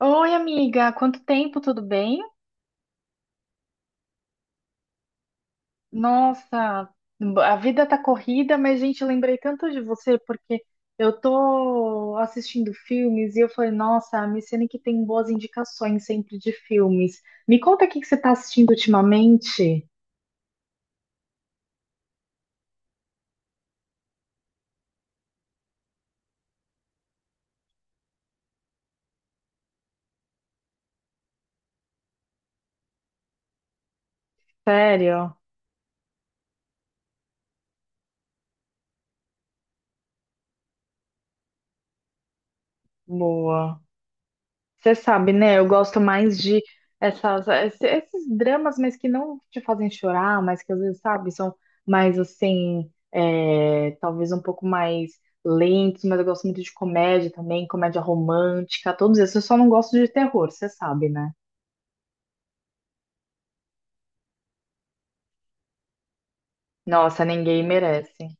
Oi, amiga, quanto tempo, tudo bem? Nossa, a vida tá corrida, mas, gente, eu lembrei tanto de você porque eu tô assistindo filmes e eu falei, nossa, a Micene que tem boas indicações sempre de filmes. Me conta o que que você tá assistindo ultimamente. Sério? Boa. Você sabe, né? Eu gosto mais de esses dramas, mas que não te fazem chorar, mas que às vezes, sabe, são mais assim, é, talvez um pouco mais lentos, mas eu gosto muito de comédia também, comédia romântica, todos esses. Eu só não gosto de terror, você sabe, né? Nossa, ninguém merece.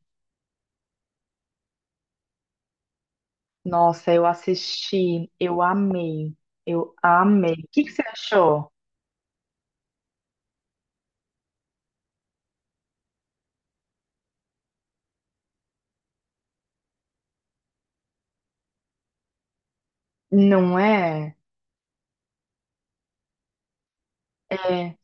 Nossa, eu assisti, eu amei. O que que você achou? Não é? É.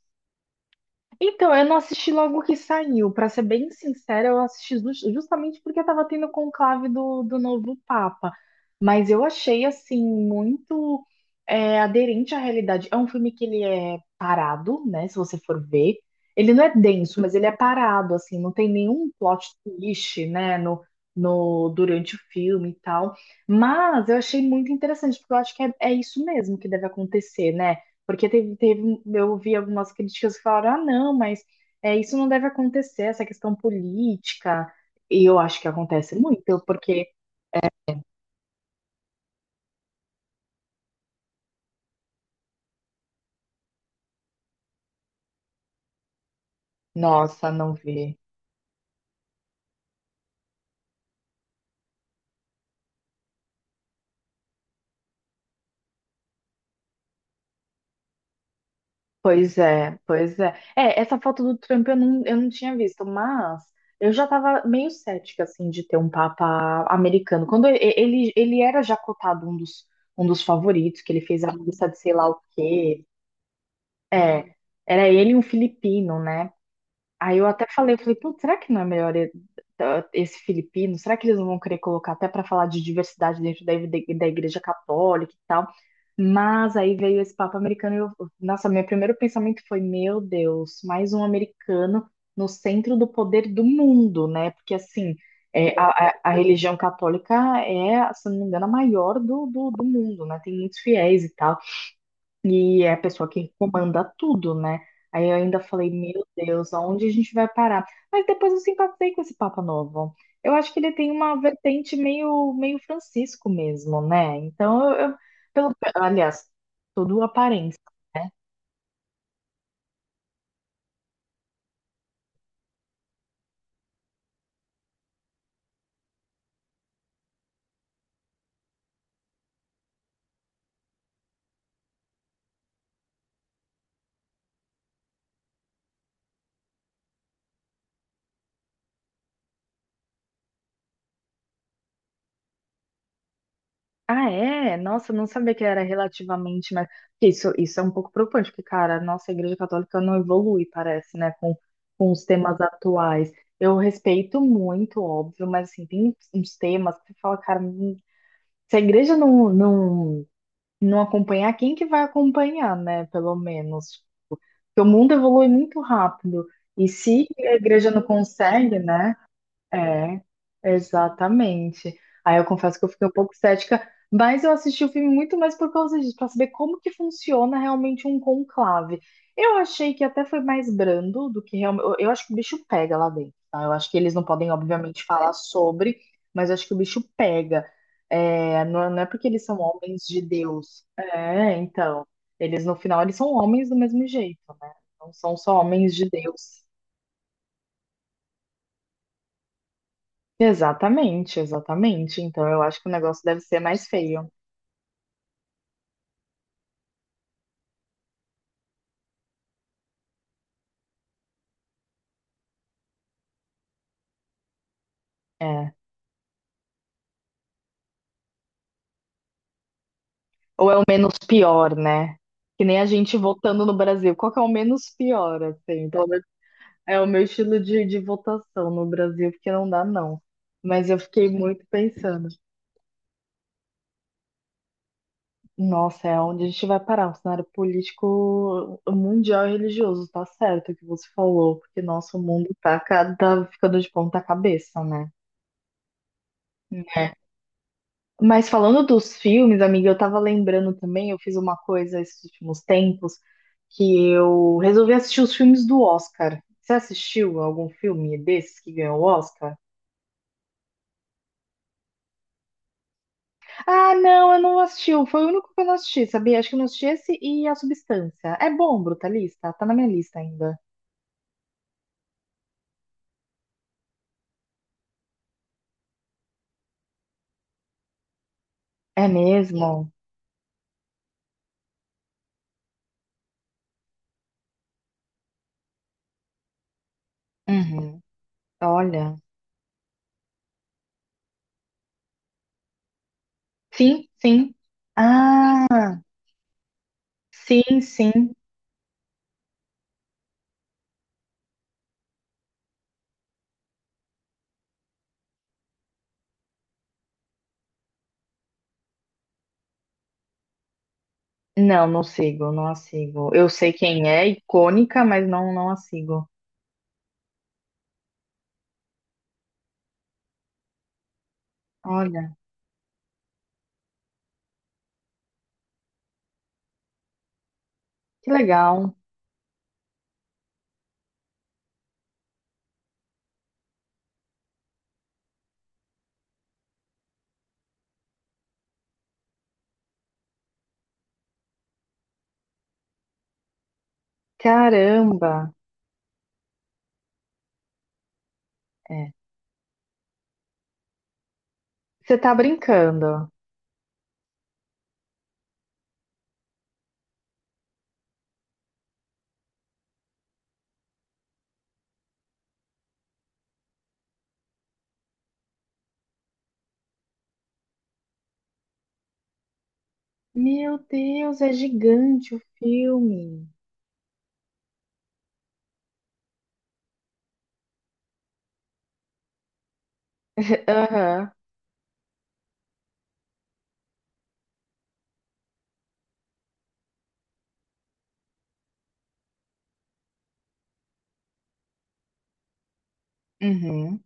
Então, eu não assisti logo que saiu. Pra ser bem sincera, justamente porque tava tendo o conclave do novo Papa. Mas eu achei, assim, muito é, aderente à realidade. É um filme que ele é parado, né? Se você for ver. Ele não é denso, mas ele é parado, assim. Não tem nenhum plot twist, né? No, no, durante o filme e tal. Mas eu achei muito interessante, porque eu acho que é isso mesmo que deve acontecer, né? Porque eu ouvi algumas críticas que falaram, ah, não, mas é, isso não deve acontecer, essa questão política. E eu acho que acontece muito, porque, nossa, não vê. Pois é. É, essa foto do Trump eu não tinha visto, mas eu já estava meio cética, assim, de ter um Papa americano. Ele era já cotado um dos favoritos, que ele fez a lista de sei lá o quê. É, era ele e um filipino, né? Aí eu até falei, putz, será que não é melhor, tá, esse filipino? Será que eles não vão querer colocar até para falar de diversidade dentro da igreja católica e tal? Mas aí veio esse papo americano e eu, nossa, meu primeiro pensamento foi, meu Deus, mais um americano no centro do poder do mundo, né? Porque assim, é, a religião católica é, se não me engano, a maior do mundo, né? Tem muitos fiéis e tal. E é a pessoa que comanda tudo, né? Aí eu ainda falei, meu Deus, aonde a gente vai parar? Mas depois eu simpatizei com esse Papa Novo. Eu acho que ele tem uma vertente meio, meio Francisco mesmo, né? Então, pelo, aliás, tudo aparência, né? Ah, é? Nossa, eu não sabia que era relativamente, mas isso é um pouco preocupante, porque, cara, nossa, a Igreja Católica não evolui, parece, né, com os temas atuais. Eu respeito muito, óbvio, mas assim, tem uns temas que você fala, cara, se a igreja não acompanhar, quem que vai acompanhar, né? Pelo menos. Porque o mundo evolui muito rápido. E se a igreja não consegue, né? É, exatamente. Aí eu confesso que eu fiquei um pouco cética, mas eu assisti o filme muito mais por causa disso, para saber como que funciona realmente um conclave. Eu achei que até foi mais brando do que realmente. Eu acho que o bicho pega lá dentro, tá? Eu acho que eles não podem, obviamente, falar sobre, mas eu acho que o bicho pega. É, não é porque eles são homens de Deus. É, então. Eles, no final, eles são homens do mesmo jeito, né? Não são só homens de Deus. Exatamente. Então eu acho que o negócio deve ser mais feio. É. Ou é o menos pior, né? Que nem a gente votando no Brasil. Qual que é o menos pior, assim? Pelo menos é o meu estilo de votação no Brasil, porque não dá, não. Mas eu fiquei muito pensando, nossa, é onde a gente vai parar? O cenário político mundial e religioso, tá certo o que você falou, porque nosso mundo tá cada, ficando de ponta cabeça, né? Mas falando dos filmes, amiga, eu tava lembrando também, eu fiz uma coisa esses últimos tempos, que eu resolvi assistir os filmes do Oscar. Você assistiu algum filme desses que ganhou o Oscar? Ah, não, eu não assisti. Foi o único que eu não assisti, sabia? Acho que eu não assisti esse e A Substância. É bom, Brutalista? Tá na minha lista ainda. É mesmo? Uhum. Olha. Sim, sim. Ah, sim, sim. Não, não sigo, não a sigo. Eu sei quem é, icônica, mas não, não a sigo. Olha, que legal. Caramba. É. Você tá brincando. Meu Deus, é gigante o filme. Aham. Uhum.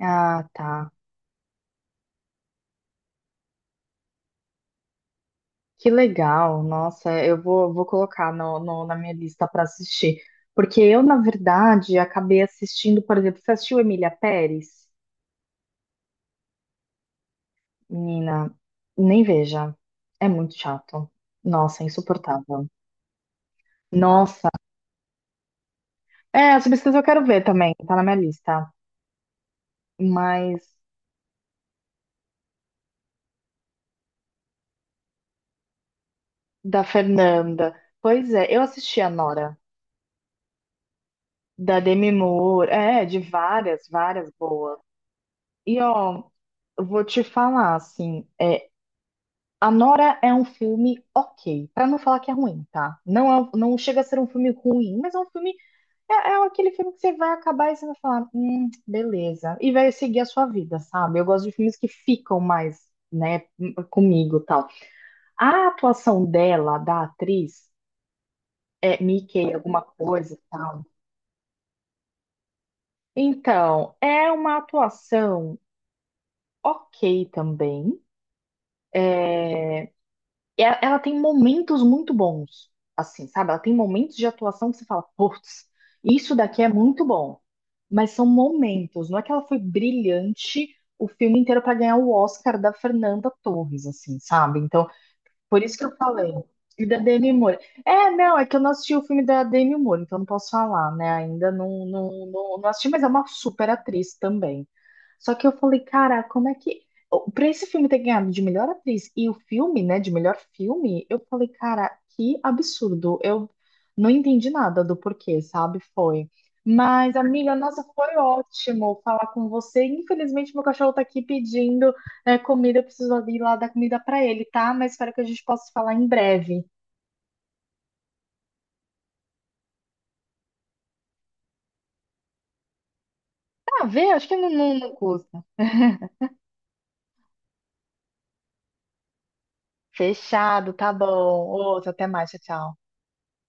Ah, tá. Que legal. Nossa, vou colocar na minha lista para assistir. Porque eu, na verdade, acabei assistindo, por exemplo, você assistiu Emília Pérez? Menina, nem veja. É muito chato. Nossa, é insuportável. Nossa. É, essa pesquisa eu quero ver também, tá na minha lista. Mas da Fernanda. Pois é, eu assisti a Nora, da Demi Moore, é, de várias, várias boas. E ó, eu vou te falar assim, a Nora é um filme ok, pra não falar que é ruim, tá? Não é, um, não chega a ser um filme ruim, mas é um filme, é, é aquele filme que você vai acabar e você vai falar, beleza, e vai seguir a sua vida, sabe? Eu gosto de filmes que ficam mais, né, comigo, e tal. A atuação dela, da atriz, é Mickey, alguma coisa, e tal. Então, é uma atuação ok também. E a- Ela tem momentos muito bons, assim, sabe? Ela tem momentos de atuação que você fala, putz, isso daqui é muito bom. Mas são momentos, não é que ela foi brilhante o filme inteiro para ganhar o Oscar da Fernanda Torres, assim, sabe? Então, por isso que eu falei. E da Demi Moore. É, não, é que eu não assisti o filme da Demi Moore, então não posso falar, né? Ainda não assisti, mas é uma super atriz também. Só que eu falei, cara, como é que. Pra esse filme ter ganhado de melhor atriz e o filme, né, de melhor filme, eu falei, cara, que absurdo. Eu não entendi nada do porquê, sabe? Foi. Mas, amiga, nossa, foi ótimo falar com você. Infelizmente, meu cachorro tá aqui pedindo, né, comida. Eu preciso ir lá dar comida pra ele, tá? Mas espero que a gente possa falar em breve. Tá, vê? Acho que não custa. Fechado, tá bom. Outro, até mais, tchau, tchau.